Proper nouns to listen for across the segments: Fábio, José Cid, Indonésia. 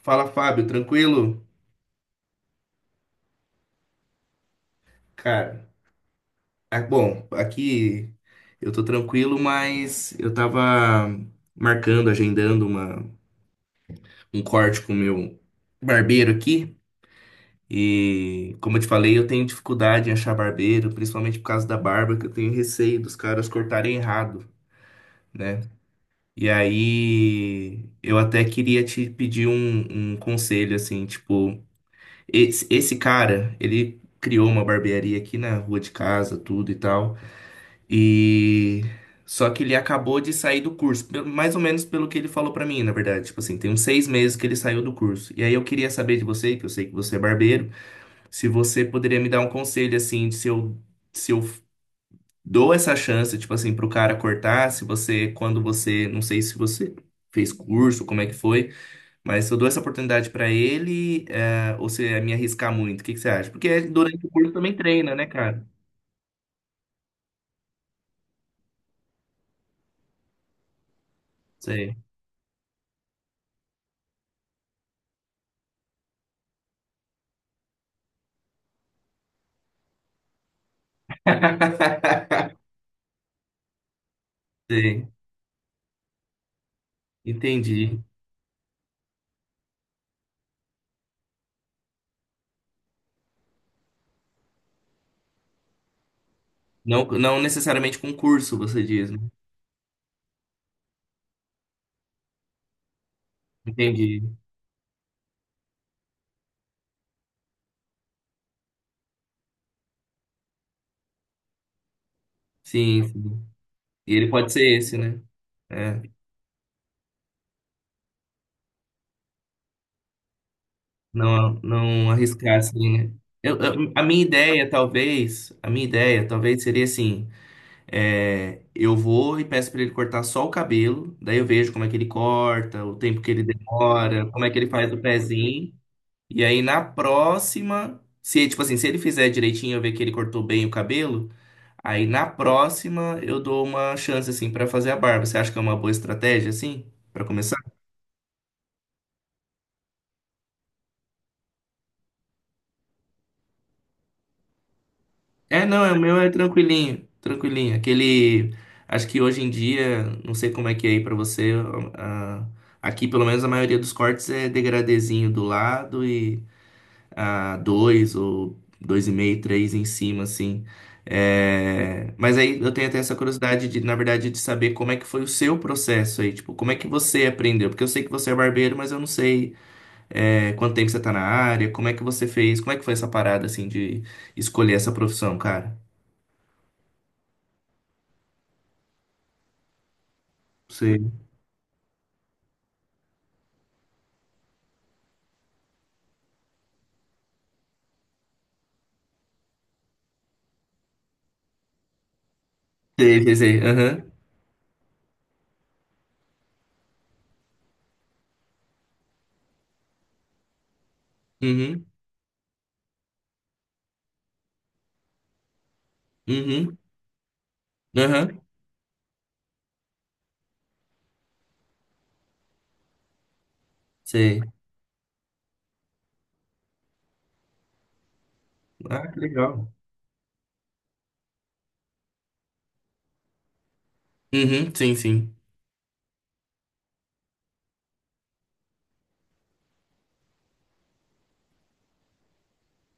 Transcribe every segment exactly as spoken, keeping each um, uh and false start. Fala, Fábio, tranquilo? Cara, ah, bom, aqui eu tô tranquilo, mas eu tava marcando, agendando uma, um corte com o meu barbeiro aqui. E, como eu te falei, eu tenho dificuldade em achar barbeiro, principalmente por causa da barba, que eu tenho receio dos caras cortarem errado, né? E aí, eu até queria te pedir um, um conselho, assim, tipo, esse, esse cara, ele criou uma barbearia aqui na rua de casa, tudo e tal. E só que ele acabou de sair do curso, pe- mais ou menos pelo que ele falou pra mim, na verdade. Tipo assim, tem uns seis meses que ele saiu do curso. E aí eu queria saber de você, que eu sei que você é barbeiro, se você poderia me dar um conselho assim, de se eu, se eu dou essa chance, tipo assim, pro cara cortar, se você, quando você, não sei se você fez curso, como é que foi, mas se eu dou essa oportunidade pra ele, eh, ou se é me arriscar muito, o que que você acha? Porque durante o curso também treina, né, cara? Sei. Sei. Entendi. Não, não necessariamente concurso, você diz, né? Entendi. Sim, sim. E ele pode ser esse, né? É, não, não arriscar assim, né? Eu, eu- a minha ideia, talvez, a minha ideia, talvez seria assim, é, eu vou e peço para ele cortar só o cabelo, daí eu vejo como é que ele corta, o tempo que ele demora, como é que ele faz o pezinho. E aí na próxima, se tipo assim, se ele fizer direitinho, eu ver que ele cortou bem o cabelo, aí na próxima eu dou uma chance assim pra fazer a barba. Você acha que é uma boa estratégia assim pra começar? É, não, é o meu é tranquilinho, tranquilinho. Aquele, acho que hoje em dia, não sei como é que é aí pra você, a- aqui pelo menos a maioria dos cortes é degradezinho do lado e a dois ou dois e meio, três em cima, assim. É, mas aí eu tenho até essa curiosidade de, na verdade, de saber como é que foi o seu processo aí, tipo, como é que você aprendeu? Porque eu sei que você é barbeiro, mas eu não sei é, quanto tempo você tá na área, como é que você fez, como é que foi essa parada assim de escolher essa profissão, cara? Sei. Sei, sei, sei. Aham. Uhum. Uhum. Aham. Sei. Ah, que legal. Uhum. Sim, sim.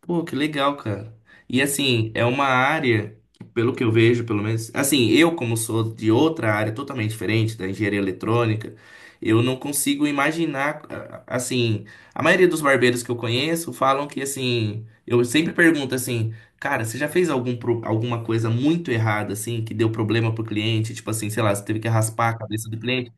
Pô, que legal, cara. E assim, é uma área, pelo que eu vejo, pelo menos, assim, eu como sou de outra área totalmente diferente, da engenharia eletrônica, eu não consigo imaginar, a- a- assim, a maioria dos barbeiros que eu conheço falam que, assim, eu sempre pergunto assim, cara, você já fez algum, pro- alguma coisa muito errada, assim, que deu problema pro cliente? Tipo assim, sei lá, você teve que raspar a cabeça do cliente.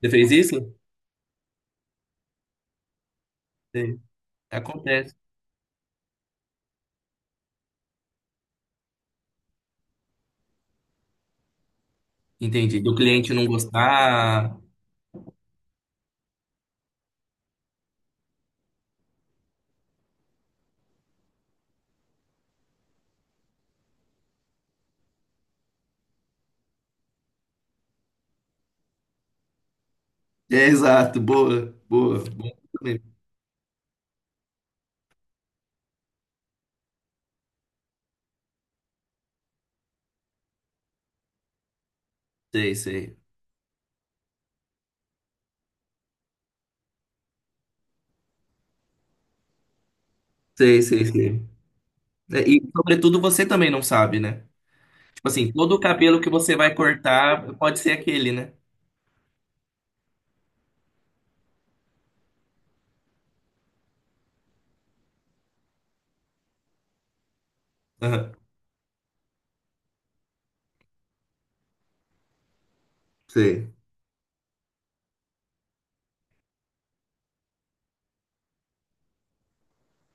Você fez isso? Sim. Acontece. Entendi. Do cliente não gostar. É, exato, boa, boa, boa também. Sei, sei. Sei, sei, sei. É, e, sobretudo, você também não sabe, né? Tipo assim, todo o cabelo que você vai cortar pode ser aquele, né? Aham. Sei.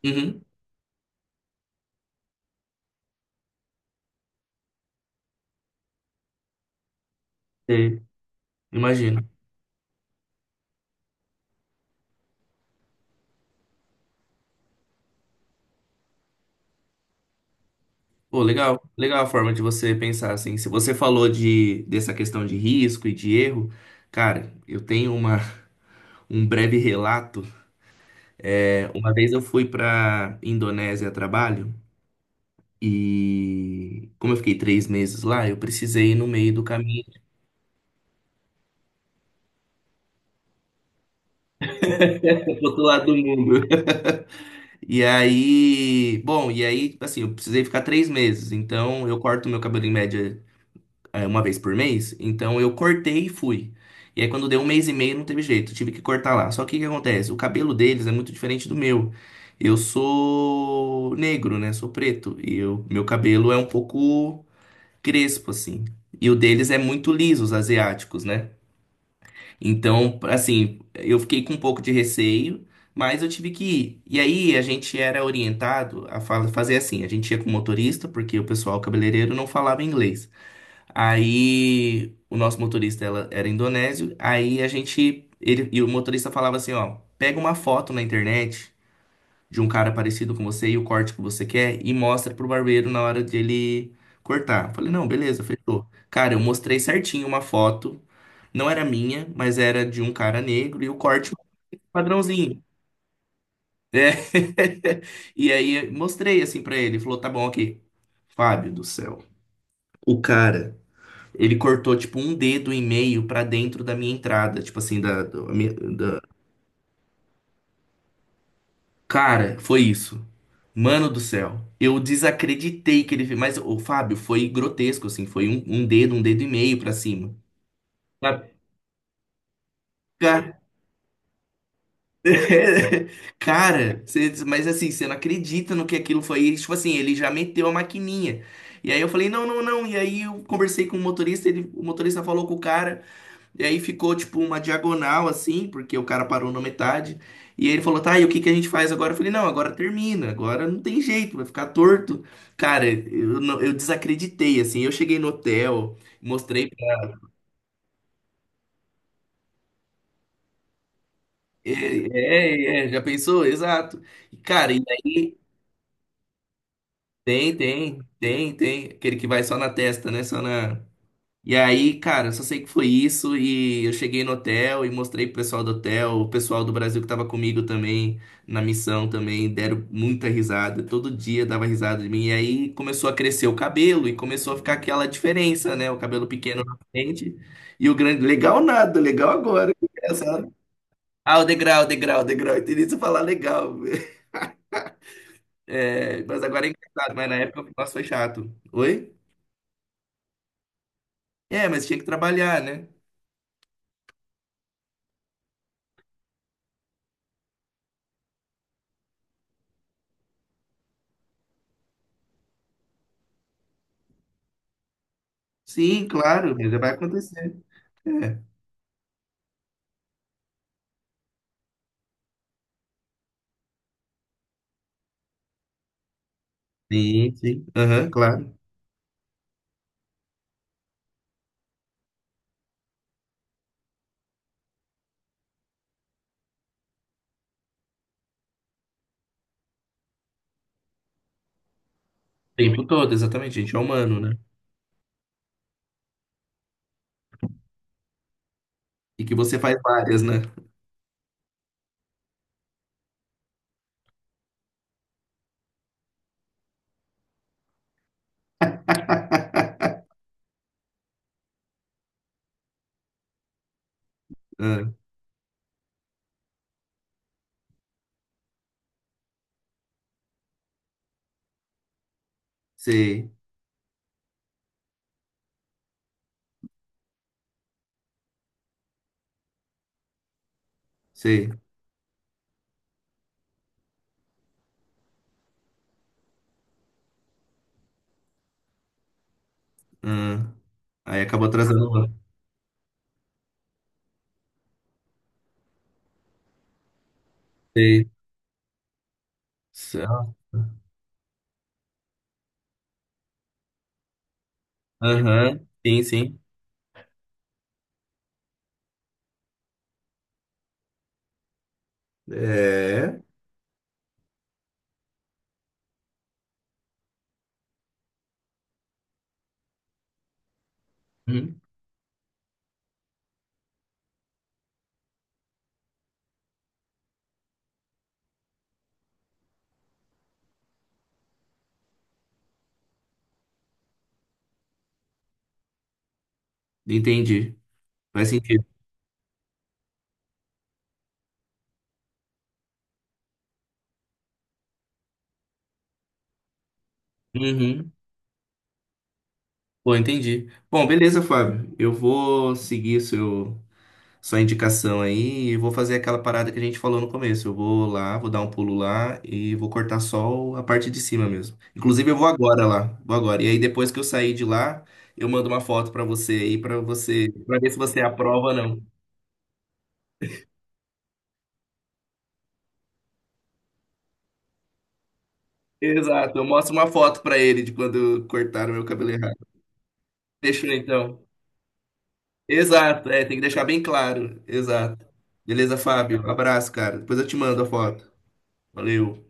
Uhum. Sei. Imagino. Pô, legal. Legal a forma de você pensar, assim. Se você falou de, dessa questão de risco e de erro, cara, eu tenho uma, um breve relato. É, uma vez eu fui pra Indonésia a trabalho e, como eu fiquei três meses lá, eu precisei ir no meio do caminho pro outro lado do mundo. E aí, bom, e aí, assim, eu precisei ficar três meses. Então, eu corto meu cabelo em média é, uma vez por mês. Então, eu cortei e fui. E aí, quando deu um mês e meio, não teve jeito, tive que cortar lá. Só que o que acontece? O cabelo deles é muito diferente do meu. Eu sou negro, né? Sou preto. E eu, meu cabelo é um pouco crespo, assim. E o deles é muito liso, os asiáticos, né? Então, assim, eu fiquei com um pouco de receio, mas eu tive que ir. E aí a gente era orientado a fala- fazer assim: a gente ia com o motorista, porque o pessoal cabeleireiro não falava inglês. Aí o nosso motorista ela, era indonésio, aí a gente. Ele, e o motorista falava assim: ó, pega uma foto na internet de um cara parecido com você e o corte que você quer e mostra pro barbeiro na hora dele cortar. Falei, não, beleza, fechou. Cara, eu mostrei certinho uma foto, não era minha, mas era de um cara negro e o corte padrãozinho. É. E aí mostrei assim pra ele, ele falou, tá bom, ok. Fábio do céu. O cara, ele cortou tipo um dedo e meio pra dentro da minha entrada, tipo assim, da, do- a minha- da... Cara, foi isso. Mano do céu, eu desacreditei que ele fez. Mas o Fábio foi grotesco, assim, foi um, um dedo, um dedo e meio pra cima. Sabe? Cara, cara, cê- mas assim, você não acredita no que aquilo foi. E, tipo assim, ele já meteu a maquininha. E aí eu falei, não, não, não. E aí eu conversei com o motorista, ele, o motorista falou com o cara. E aí ficou tipo uma diagonal assim, porque o cara parou na metade. E ele falou: "Tá, e o que que a gente faz agora?" Eu falei: "Não, agora termina. Agora não tem jeito, vai ficar torto". Cara, eu, não- eu desacreditei assim. Eu cheguei no hotel, mostrei pra... é, é, é, já pensou? Exato. E, cara, e daí tem, tem, tem, tem aquele que vai só na testa, né? Só na. E aí, cara, eu só sei que foi isso e eu cheguei no hotel e mostrei pro pessoal do hotel, o pessoal do Brasil que tava comigo também, na missão também, deram muita risada, todo dia dava risada de mim. E aí começou a crescer o cabelo e começou a ficar aquela diferença, né? O cabelo pequeno na frente e o grande, legal nada, legal agora, que engraçado. Ah, o degrau, degrau, o degrau, eu isso falar legal. É, mas agora é engraçado, mas na época, nossa, foi chato. Oi? É, mas tinha que trabalhar, né? Sim, claro, mas vai acontecer. É. Sim, sim. Aham, claro. O tempo todo, exatamente. A gente é humano, né? E que você faz várias, né? Ah, sei, sei. Ah, aí acabou atrasando uma. Sei. Ah, aham, sim, sim. É. Hum, entendi. Faz sentido. Uhum. Pô, entendi. Bom, beleza, Fábio. Eu vou seguir seu, sua indicação aí e vou fazer aquela parada que a gente falou no começo. Eu vou lá, vou dar um pulo lá e vou cortar só o- a parte de cima mesmo. Inclusive, eu vou agora lá, vou agora. E aí, depois que eu sair de lá, eu mando uma foto pra você aí, pra você, para ver se você aprova ou não. Exato, eu mostro uma foto pra ele de quando cortaram meu cabelo errado. Fechou então. Exato, é, tem que deixar bem claro. Exato. Beleza, Fábio? Abraço, cara. Depois eu te mando a foto. Valeu.